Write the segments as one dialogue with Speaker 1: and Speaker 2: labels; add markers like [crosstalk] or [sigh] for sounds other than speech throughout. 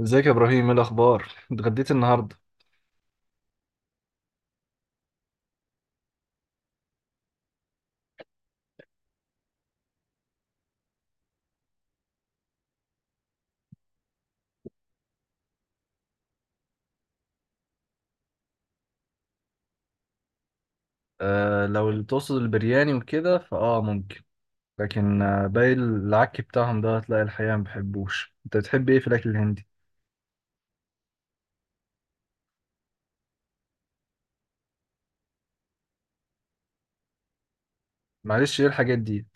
Speaker 1: ازيك يا ابراهيم؟ ايه الاخبار؟ اتغديت النهارده؟ آه، لو اللي تقصد البرياني وكده ممكن. لكن باقي العك بتاعهم ده هتلاقي الحقيقه ما بحبوش. انت بتحب ايه في الاكل الهندي؟ معلش ايه الحاجات دي؟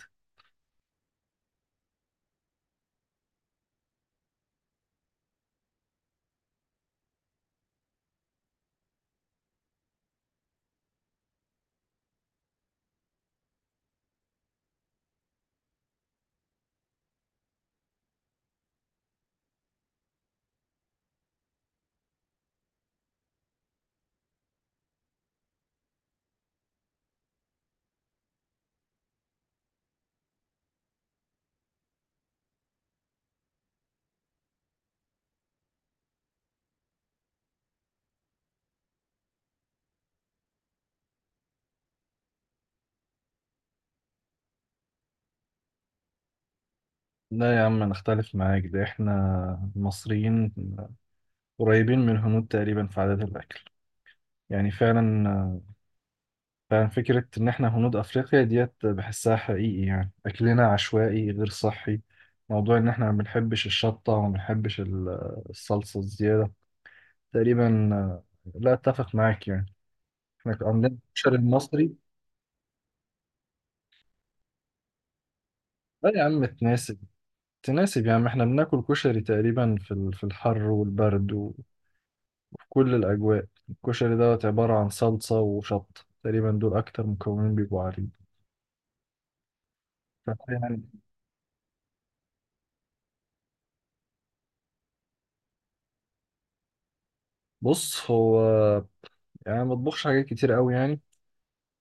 Speaker 1: لا يا عم انا اختلف معاك، ده احنا المصريين قريبين من الهنود تقريبا في عادات الاكل. يعني فعلا، فعلا فكره ان احنا هنود افريقيا ديت بحسها حقيقي، يعني اكلنا عشوائي غير صحي. موضوع ان احنا ما بنحبش الشطه وما بنحبش الصلصه الزياده تقريبا، لا اتفق معاك يعني. احنا عندنا الكشري المصري. لا يا عم تناسب، تناسب يا عم. احنا بناكل كشري تقريبا في في الحر والبرد وفي كل الاجواء. الكشري دوت عبارة عن صلصة وشط، تقريبا دول اكتر مكونين بيبقوا عليه. يعني بص هو، يعني أنا ما بطبخش حاجات كتير قوي يعني.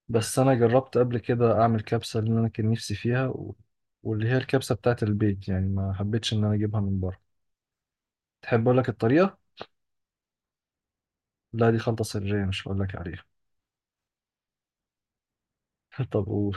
Speaker 1: بس انا جربت قبل كده اعمل كبسة اللي انا كان نفسي فيها واللي هي الكبسة بتاعت البيت، يعني ما حبيتش ان انا اجيبها من بره. تحب اقول لك الطريقة؟ لا دي خلطة سرية، مش هقول لك عليها. [laughs] طب قول.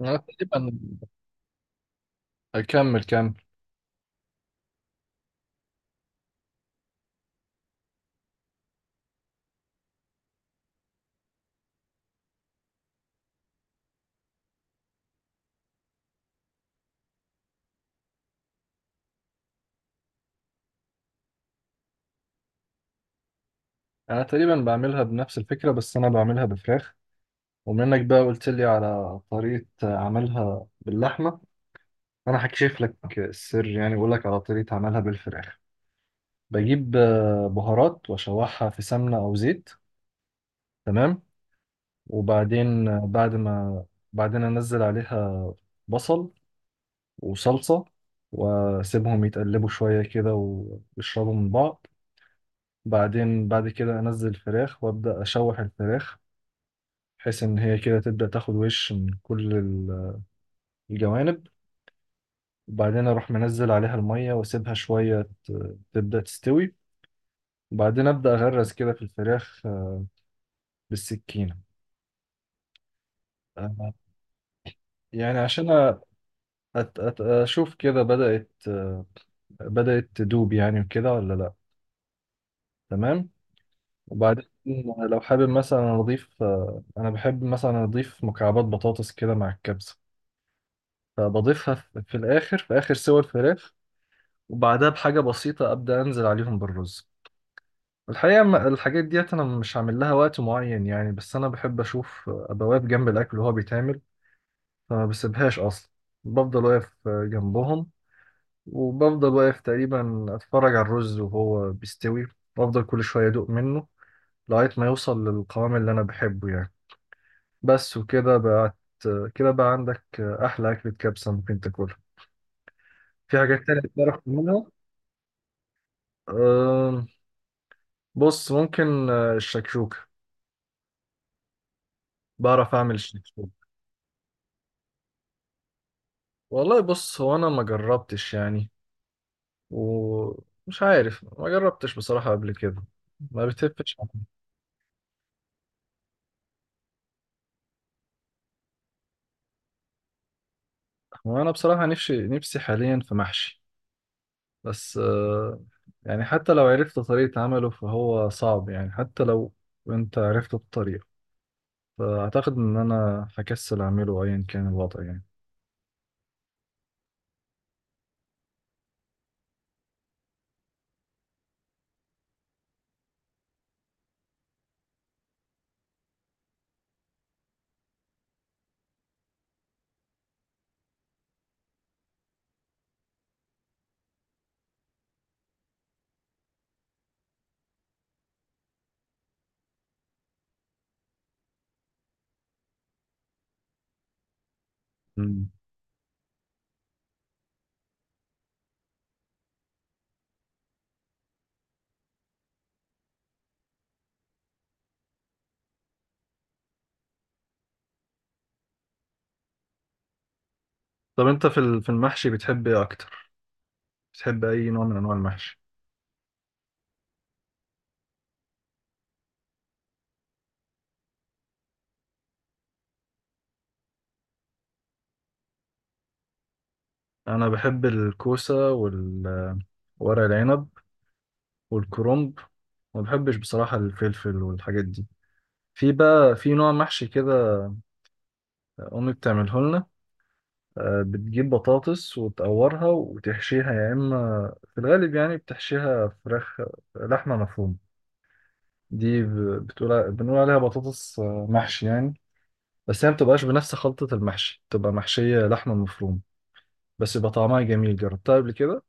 Speaker 1: انا تقريبا، اكمل كمل. انا تقريبا بعملها بنفس الفكره، بس انا بعملها بفراخ. ومنك بقى قلت لي على طريقه عملها باللحمه. انا هكشف لك السر يعني، واقول لك على طريقه عملها بالفراخ. بجيب بهارات واشوحها في سمنه او زيت. تمام. وبعدين آه، بعد ما بعدين انزل عليها بصل وصلصه، واسيبهم يتقلبوا شويه كده ويشربوا من بعض. بعدين بعد كده انزل الفراخ وابدا اشوح الفراخ، بحيث ان هي كده تبدا تاخد وش من كل الجوانب. وبعدين اروح منزل عليها الميه واسيبها شويه تبدا تستوي. وبعدين ابدا اغرز كده في الفراخ بالسكينه. آه، يعني عشان اشوف كده بدات، بدات تدوب يعني وكده، ولا لا. تمام. وبعدين لو حابب مثلا اضيف، انا بحب مثلا اضيف مكعبات بطاطس كده مع الكبسه، فبضيفها في الآخر، في آخر سوى الفراخ. وبعدها بحاجة بسيطة أبدأ أنزل عليهم بالرز. الحقيقة الحاجات ديت أنا مش عامل لها وقت معين يعني، بس أنا بحب أشوف، أبقى واقف جنب الأكل وهو بيتعمل، فما بسيبهاش أصلا. بفضل واقف جنبهم، وبفضل واقف تقريبا أتفرج على الرز وهو بيستوي، وأفضل كل شوية أدوق منه، لغاية ما يوصل للقوام اللي أنا بحبه يعني. بس وكده بقت، كده بقى عندك أحلى أكلة كبسة ممكن تاكلها. في حاجات تانية تعرف تعملها؟ أم، بص ممكن الشكشوكة، بعرف أعمل الشكشوكة. والله بص هو أنا ما جربتش يعني، ومش عارف، ما جربتش بصراحة قبل كده. ما بتفتش. هو أنا بصراحة نفسي نفسي حاليا في محشي، بس يعني حتى لو عرفت طريقة عمله فهو صعب، يعني حتى لو أنت عرفت الطريقة، فأعتقد إن أنا هكسل أعمله أيا كان الوضع يعني. مم. طب أنت في في المحشي بتحب إيه أكتر؟ بتحب أي نوع من أنواع المحشي؟ انا بحب الكوسه والورق العنب والكرنب، ما بحبش بصراحه الفلفل والحاجات دي. في بقى في نوع محشي كده، امي بتعمله لنا. بتجيب بطاطس وتقورها وتحشيها، يا اما في الغالب يعني بتحشيها فراخ، لحمه مفرومه. دي ب- بتقول بنقول عليها بطاطس محشي يعني. بس هي ما بتبقاش بنفس خلطه المحشي، بتبقى محشيه لحمه مفرومه، بس يبقى طعمها جميل جربتها قبل كده.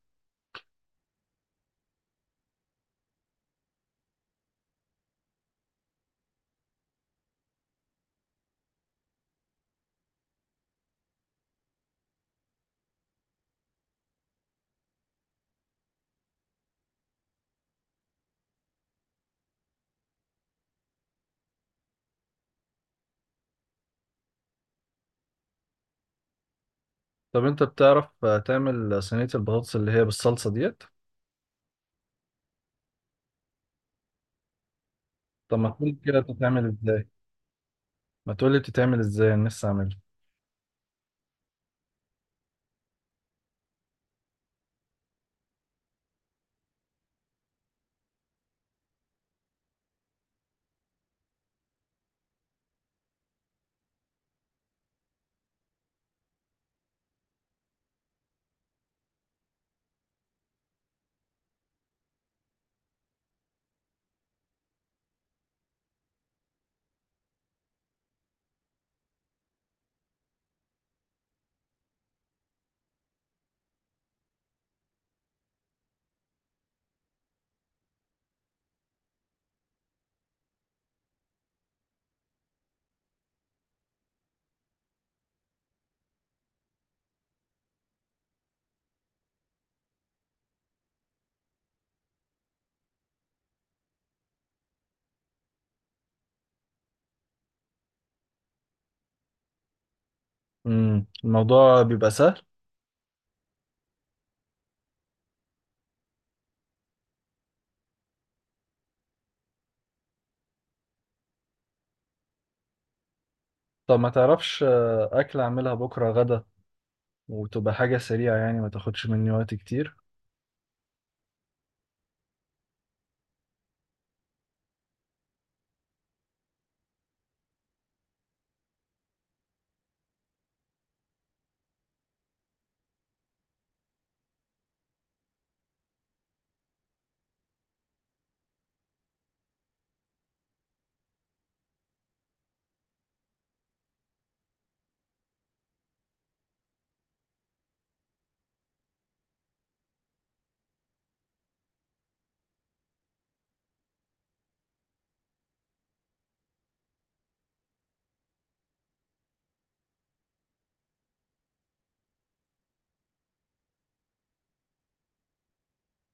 Speaker 1: طب انت بتعرف تعمل صينية البطاطس اللي هي بالصلصة ديت؟ طب ما تقول كده بتتعمل ازاي؟ ما تقول لي بتتعمل ازاي، انا لسه اعملها. الموضوع بيبقى سهل. طب ما تعرفش اكل اعملها بكرة غدا، وتبقى حاجة سريعة يعني ما تاخدش مني وقت كتير.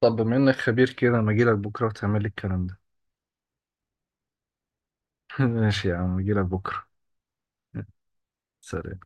Speaker 1: طب بما انك خبير كده، ما اجيلك بكرة وتعمل لي الكلام ده. [laughs] ماشي يا عم، اجيلك بكرة. [laughs] سلام.